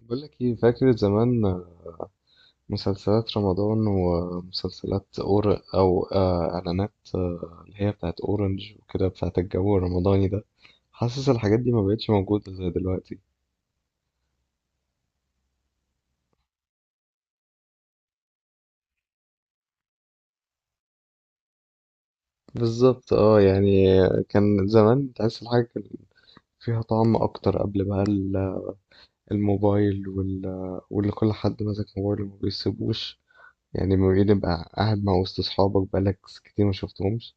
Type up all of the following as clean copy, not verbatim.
بقول لك ايه؟ فاكر زمان مسلسلات رمضان ومسلسلات أور او آه، اعلانات، اللي هي بتاعت اورنج وكده، بتاعت الجو الرمضاني ده. حاسس الحاجات دي ما بقتش موجودة زي دلوقتي. بالظبط، اه يعني. كان زمان تحس الحاجة كان فيها طعم اكتر. قبل الموبايل واللي كل حد ماسك موبايله ما بيسيبوش. يعني ما بيبقى قاعد مع وسط اصحابك بقالك كتير ما شفتهمش،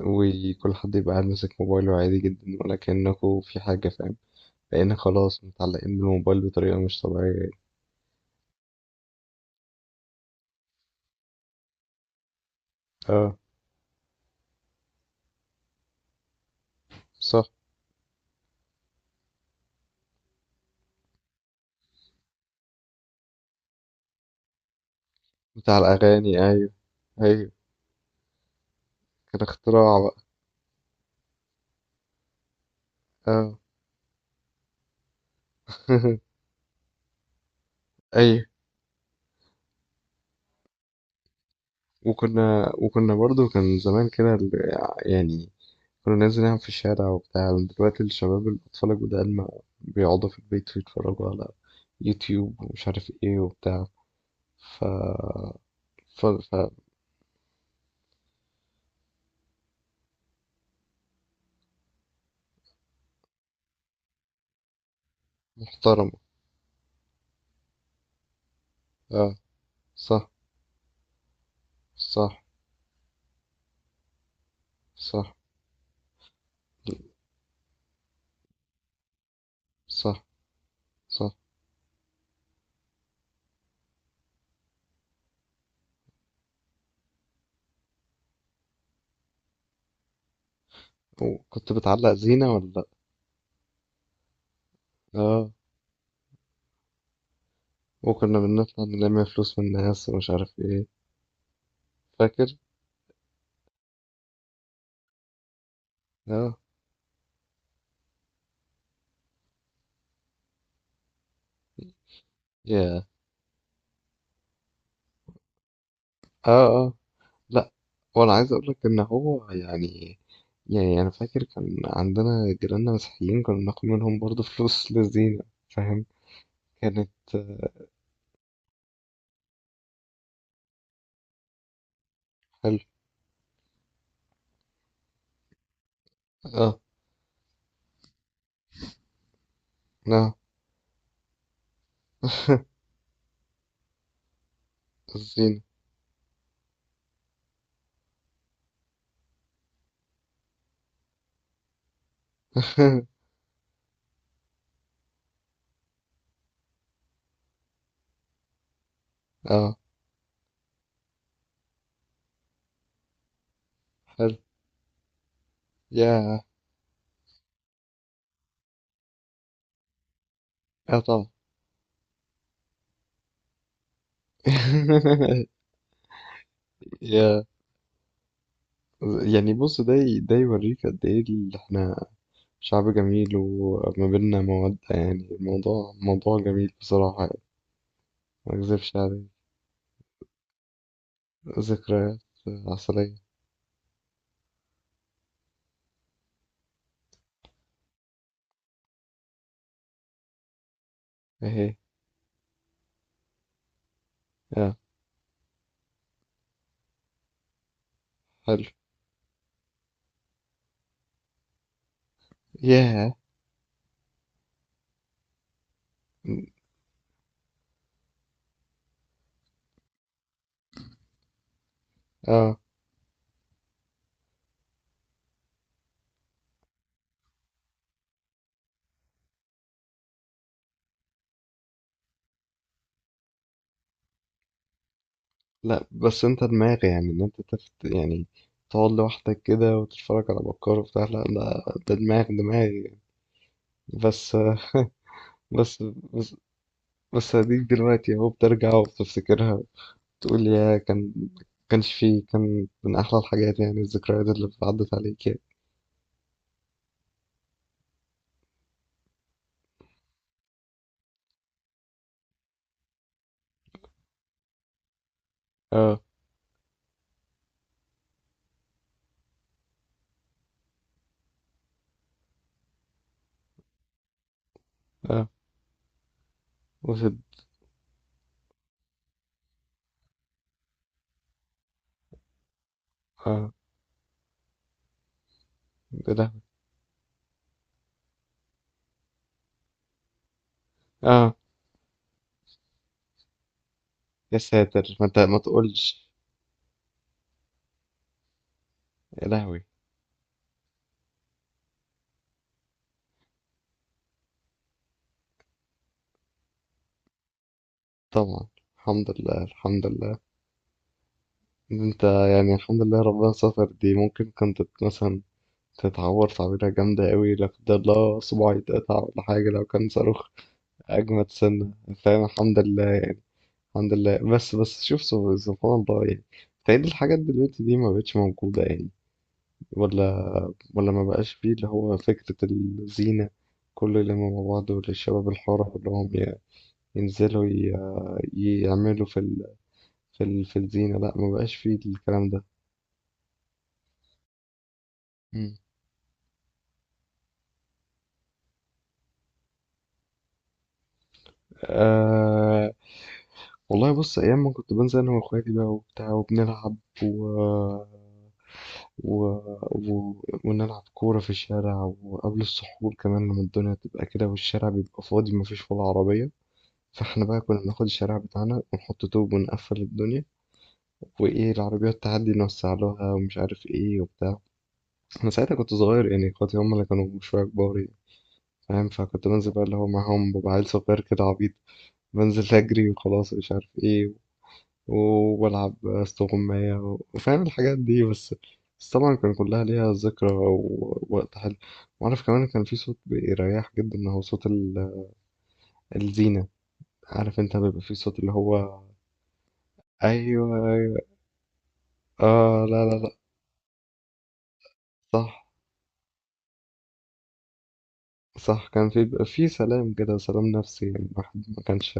وكل حد يبقى قاعد ماسك موبايله عادي جدا، ولا كأنكوا في حاجة، فاهم؟ لأن خلاص متعلقين بالموبايل بطريقة مش طبيعية. اه، صح. بتاع الأغاني، أيوه أيوه. كان اختراع بقى. اه. أيوه. وكنا برضو كان زمان كده يعني كنا ننزل نلعب في الشارع وبتاع. دلوقتي الشباب الأطفال الجداد ما بيقعدوا في البيت ويتفرجوا على يوتيوب ومش عارف ايه وبتاع. ف ف, ف... محترمة. اه، صح. صح. صح. صح. صح. وكنت بتعلق زينة ولا لأ؟ اه، وكنا بنطلع نلم فلوس من الناس ومش عارف ايه. فاكر؟ اه. يا. اه اه. لا، وانا عايز اقول لك ان هو يعني، يعني انا فاكر كان عندنا جيراننا مسيحيين كنا بناخد منهم برضه فلوس للزينة، فاهم؟ كانت. حلو. اه اه. الزينة. اه. حلو. يا. اه طبعا. يا. يعني بص، ده يوريك قد ايه اللي احنا شعب جميل وما بيننا مودة. يعني الموضوع موضوع جميل بصراحة يعني، ما أكذبش عليك. ذكريات عسلية. أهي. آه. حلو. ياه. آه لا، بس أنت دماغي، يعني إن أنت تفت يعني، تقعد لوحدك كده وتتفرج على بكار وبتاع. لا لا، ده دماغي. بس آه، بس. بس. بس هديك دلوقتي أهو بترجع وبتفتكرها. تقول يا كان، كانش فيه. كان من أحلى الحاجات، يعني الذكريات اللي عدت عليك يعني. اه. آه وسط. اه. يا لهوي. اه. يا ساتر، ما انت ما تقولش. يا لهوي. طبعا، الحمد لله الحمد لله. إن انت يعني الحمد لله ربنا ستر. دي ممكن كنت مثلا تتعور تعويرة جامدة قوي، لا قدر الله صباعي يتقطع ولا حاجة لو كان صاروخ أجمد سنة، فاهم؟ الحمد لله يعني. الحمد لله. بس بس شوف، سبحان الله يعني. تهيألي الحاجات دلوقتي دي ما بقتش موجودة يعني. ولا ولا ما بقاش فيه اللي هو فكرة الزينة، كل اللي مع بعض والشباب الحر كلهم يعني ينزلوا، يعملوا في الزينة. لا، ما بقاش فيه الكلام ده. مم. أه... والله بص، أيام ما كنت بنزل أنا وأخواتي بقى وبتاع وبنلعب و... و... ونلعب كورة في الشارع، وقبل السحور كمان لما الدنيا تبقى كده والشارع بيبقى فاضي مفيش ولا عربية، فاحنا بقى كنا بناخد الشارع بتاعنا ونحط طوب ونقفل الدنيا، وايه العربيات تعدي نوسع لها ومش عارف ايه وبتاع. انا ساعتها كنت صغير يعني، اخواتي هم اللي كانوا شوية كبار يعني. فاهم؟ فكنت بنزل بقى اللي هو معاهم، ببقى عيل صغير كده عبيط، بنزل أجري وخلاص مش عارف إيه، وبلعب استغماية وفاهم الحاجات دي. بس بس طبعا كان كلها ليها ذكرى ووقت حلو. وعارف كمان كان في صوت بيريح جدا، هو صوت الزينة. عارف انت بيبقى في صوت اللي هو. ايوه ايوه. اه لا لا لا. صح. صح، كان في بيبقى في سلام كده، سلام نفسي يعني. الواحد ما كانش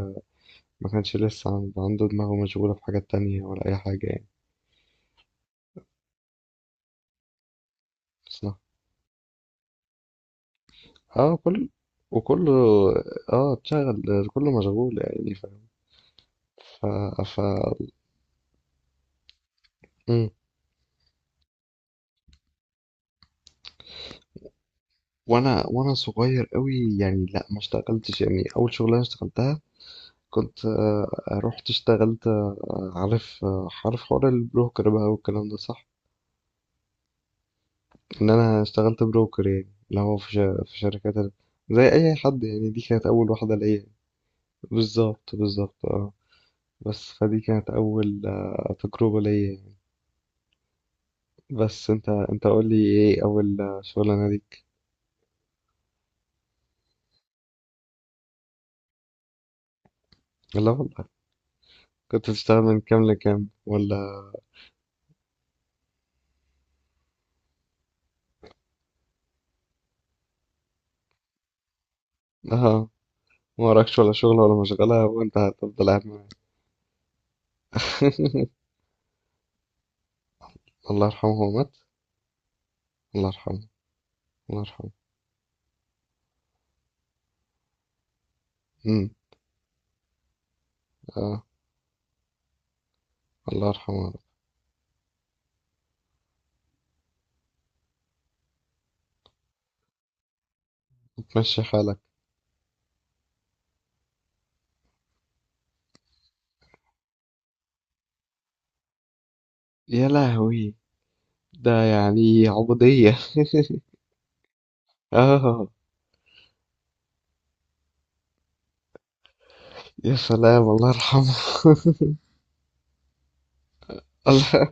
ما كانش لسه عنده دماغه مشغولة في حاجات تانية ولا أي حاجة يعني. بس. اه كل. وكله اه اتشغل. كله مشغول يعني، فاهم؟ ف ف. مم. وانا صغير قوي يعني، لا ما اشتغلتش يعني. اول شغلانه اشتغلتها، كنت رحت اشتغلت، عارف، عارف حوار البروكر بقى والكلام ده، صح؟ ان انا اشتغلت بروكر، يعني اللي هو في شركات زي اي حد يعني. دي كانت اول واحده ليا. بالظبط بالظبط، اه. بس فدي كانت اول تجربه ليا. بس انت انت قول لي ايه اول شغلانه ليك؟ لا والله. كنت بتشتغل من كام لكام ولا؟ اه، ما وراكش ولا شغل ولا مشغله وانت هتفضل قاعد معايا. الله يرحمه، هو مات؟ الله يرحمه. الله يرحمه. امم اه. الله يرحمه. تمشي حالك. يا لهوي، ده يعني عبوديه. اه. يا سلام، الله يرحمه. الله.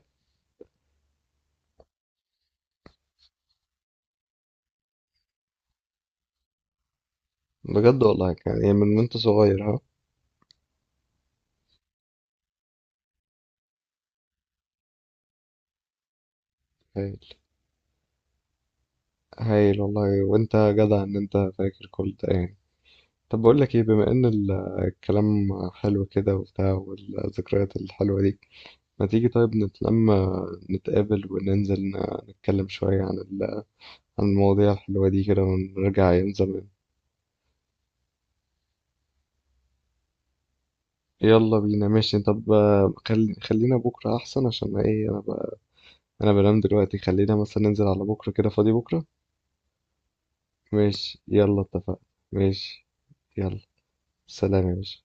بجد والله. كان يعني من وانت صغير، ها؟ هايل. هايل والله، وانت جدع ان انت فاكر كل ده يعني. طب بقول لك ايه، بما ان الكلام حلو كده وبتاع، والذكريات الحلوة دي، ما تيجي طيب نتلم، نتقابل وننزل نتكلم شوية عن عن المواضيع الحلوة دي كده، ونرجع أيام زمان. يلا بينا، ماشي. طب آه، خلينا بكرة أحسن، عشان ايه أنا بقى أنا بنام دلوقتي. خلينا مثلا ننزل على بكرة، كده فاضي بكرة. ماشي، يلا اتفقنا. ماشي. يلا. سلام يا باشا.